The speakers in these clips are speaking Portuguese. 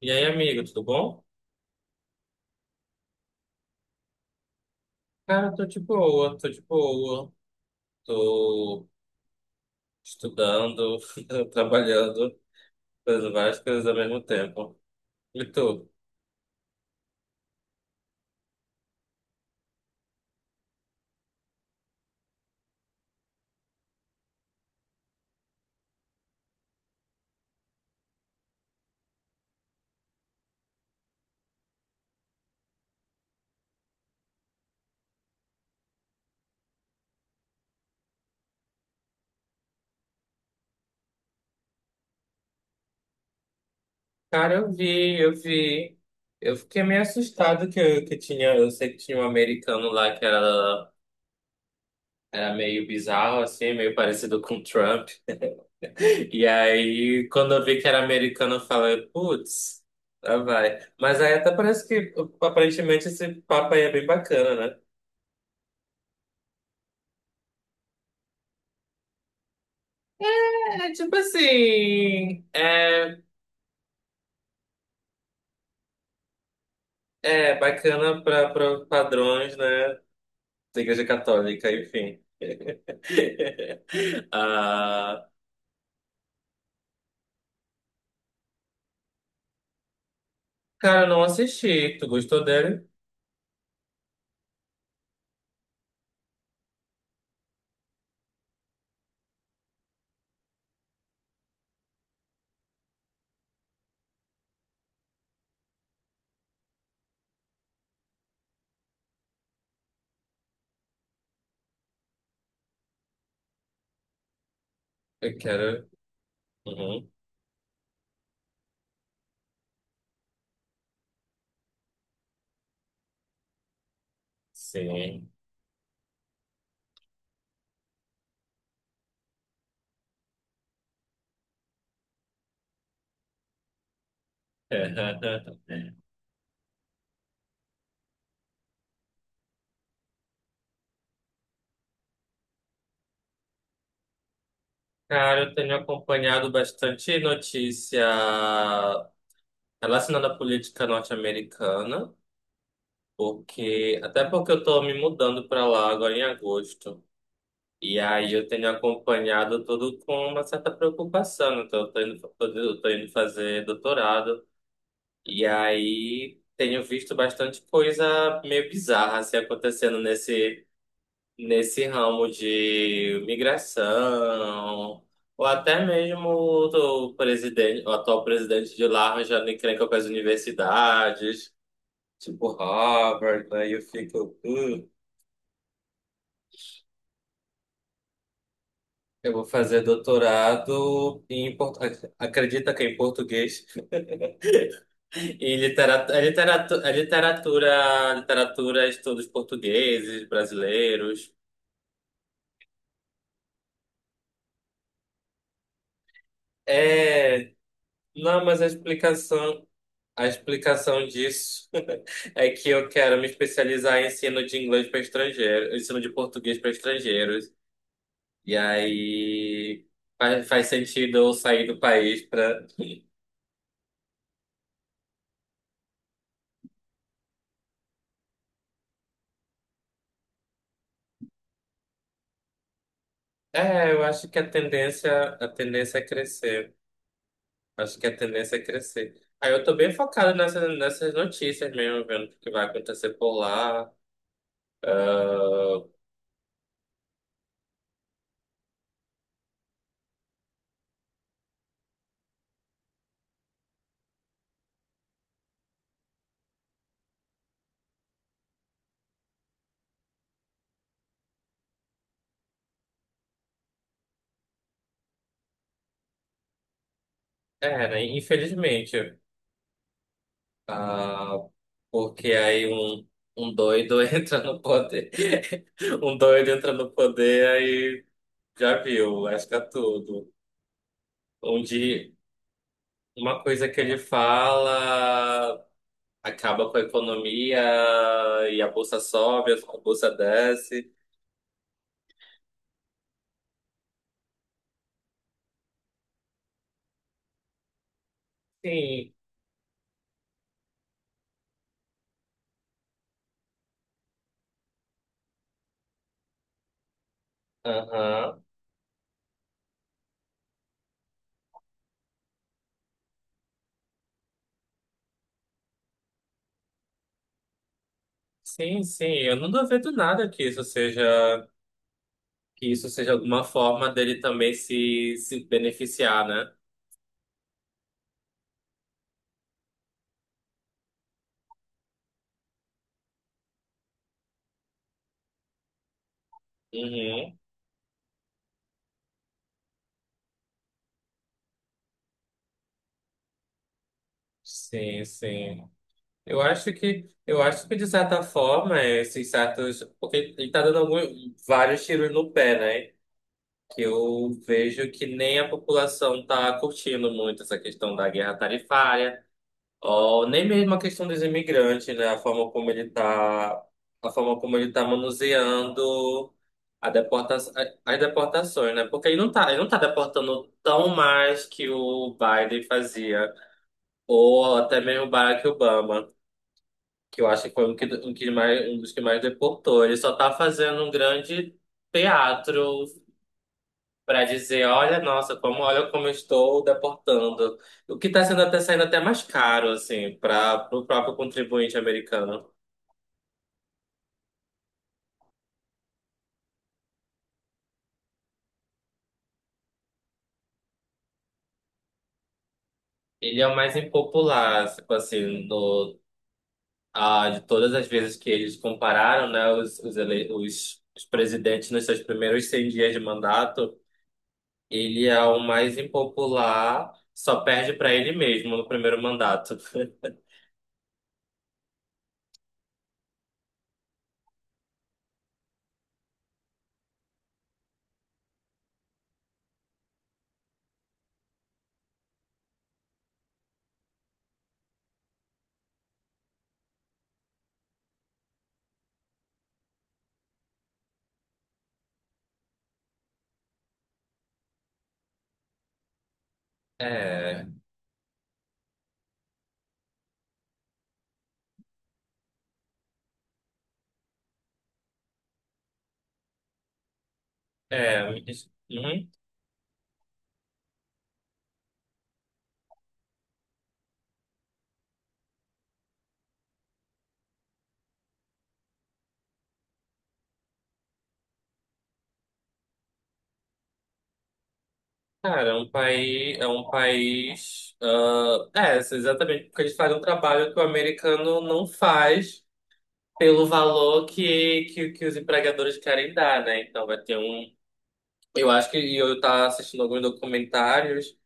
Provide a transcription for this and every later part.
E aí, amigo, tudo bom? Cara, tô de boa, tô de boa. Tô estudando, trabalhando, fazendo várias coisas ao mesmo tempo. E tu? Cara, eu vi, eu vi. Eu fiquei meio assustado que tinha. Eu sei que tinha um americano lá era meio bizarro, assim, meio parecido com o Trump. E aí, quando eu vi que era americano, eu falei, putz, lá vai. Mas aí até parece que aparentemente esse papo aí é bem bacana, né? É tipo assim, é, é bacana para padrões, né? Da Igreja Católica, enfim. Ah, cara, eu não assisti. Tu gostou dele? Eu quero. Uhum, sim. Cara, eu tenho acompanhado bastante notícia relacionada à política norte-americana, porque até porque eu tô me mudando para lá agora em agosto. E aí eu tenho acompanhado tudo com uma certa preocupação, né? Então, eu tô indo fazer doutorado. E aí tenho visto bastante coisa meio bizarra assim, acontecendo nesse ramo de migração. Ou até mesmo o atual presidente de lá arranjando encrenca com as universidades, tipo Harvard, aí eu fico. Eu vou fazer doutorado em port... acredita que é em português em literatura, estudos portugueses, brasileiros. É, não, mas a explicação disso é que eu quero me especializar em ensino de inglês para estrangeiros, ensino de português para estrangeiros. E aí faz sentido eu sair do país para... É, eu acho que a tendência é crescer. Acho que a tendência é crescer. Aí eu tô bem focado nessas notícias mesmo, vendo o que vai acontecer por lá. Ah, é, né? Infelizmente. Ah, porque aí um doido entra no poder. Um doido entra no poder, aí já viu, lasca tudo. Onde uma coisa que ele fala acaba com a economia e a bolsa sobe, a bolsa desce. Sim. Aham. Sim, sim, eu não duvido nada que isso seja alguma forma dele também se beneficiar, né? Uhum. Sim, sim. Eu acho que de certa forma, esses certos, porque ele tá dando algum- vários tiros no pé, né? Que eu vejo que nem a população tá curtindo muito essa questão da guerra tarifária. Ó, nem mesmo a questão dos imigrantes, né? A forma como ele tá manuseando a deporta, a- as deportações, né? Porque ele não tá deportando tão mais que o Biden fazia, ou até mesmo o Barack Obama, que eu acho que foi um, que mais, um dos que mais deportou. Ele só tá fazendo um grande teatro para dizer, olha, nossa, como olha como eu estou deportando. O que está sendo até saindo até mais caro, assim, para o próprio contribuinte americano. Ele é o mais impopular, tipo assim, no, ah, de todas as vezes que eles compararam, né, os presidentes nos seus primeiros 100 dias de mandato, ele é o mais impopular, só perde para ele mesmo no primeiro mandato. É, é, me diz- Uhum. Cara, é um país, ah, é, assim, exatamente, porque eles fazem um trabalho que o americano não faz pelo valor que os empregadores querem dar, né? Então vai ter um, eu acho que e eu estava assistindo alguns documentários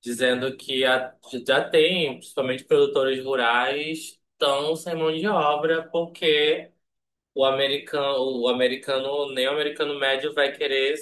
dizendo que a- já tem, principalmente produtores rurais, estão sem mão de obra porque o americano, nem o americano médio vai querer,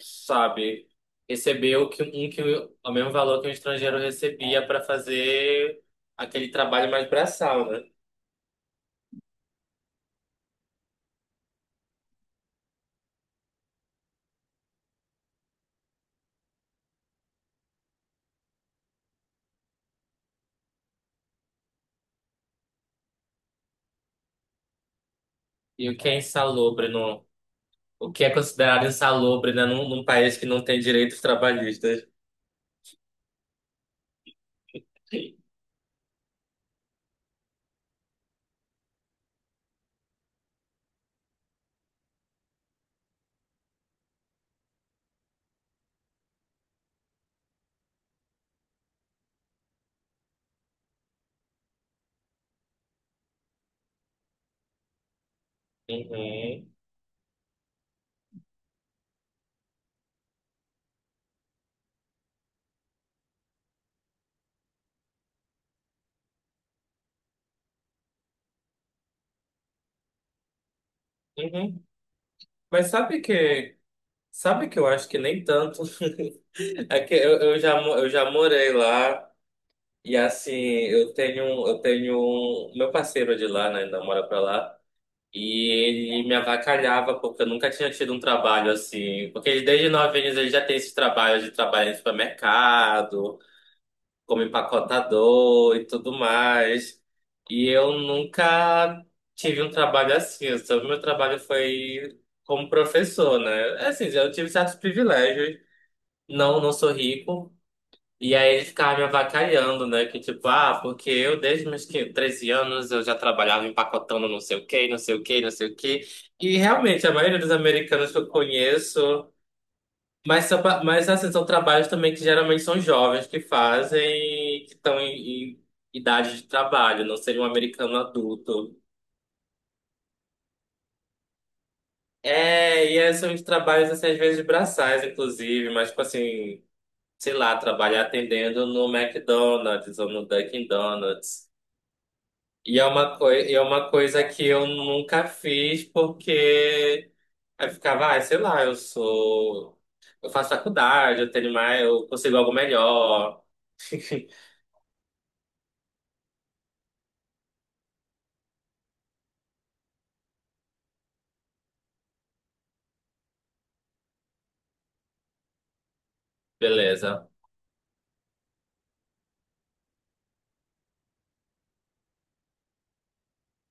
sabe, receber o que, um, que, o mesmo valor que um estrangeiro recebia para fazer aquele trabalho mais braçal, né? E o que é insalubre no, o que é considerado insalubre, né, num país que não tem direitos trabalhistas. Uhum, uhum. Mas sabe que eu acho que nem tanto. É que eu já, mo- eu já morei lá. E assim, um- meu parceiro de lá, né, ainda mora pra lá, e ele me avacalhava porque eu nunca tinha tido um trabalho assim, porque ele, desde 9 anos ele já tem esses trabalhos de trabalhar em supermercado, como empacotador e tudo mais, e eu nunca tive um trabalho assim, eu só- meu trabalho foi como professor, né. É, assim, eu tive certos privilégios, não, não sou rico, e aí ele ficava me avacalhando, né? Que tipo, ah, porque eu desde meus 15, 13 anos eu já trabalhava empacotando não sei o quê, não sei o quê, não sei o quê. E realmente, a maioria dos americanos que eu conheço, mas, são pa- mas assim, são trabalhos também que geralmente são jovens que fazem, que estão em idade de trabalho, não seria um americano adulto. É, e é, são os trabalhos, assim, às vezes braçais, inclusive, mas tipo assim, sei lá, trabalhar atendendo no McDonald's ou no Dunkin' Donuts. E é uma coi- é uma coisa que eu nunca fiz porque aí eu ficava, ah, sei lá, eu sou. Eu faço faculdade, eu tenho mais, eu consigo algo melhor. Beleza.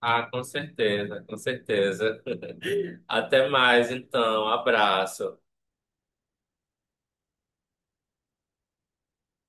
Ah, com certeza, com certeza. Até mais, então. Abraço.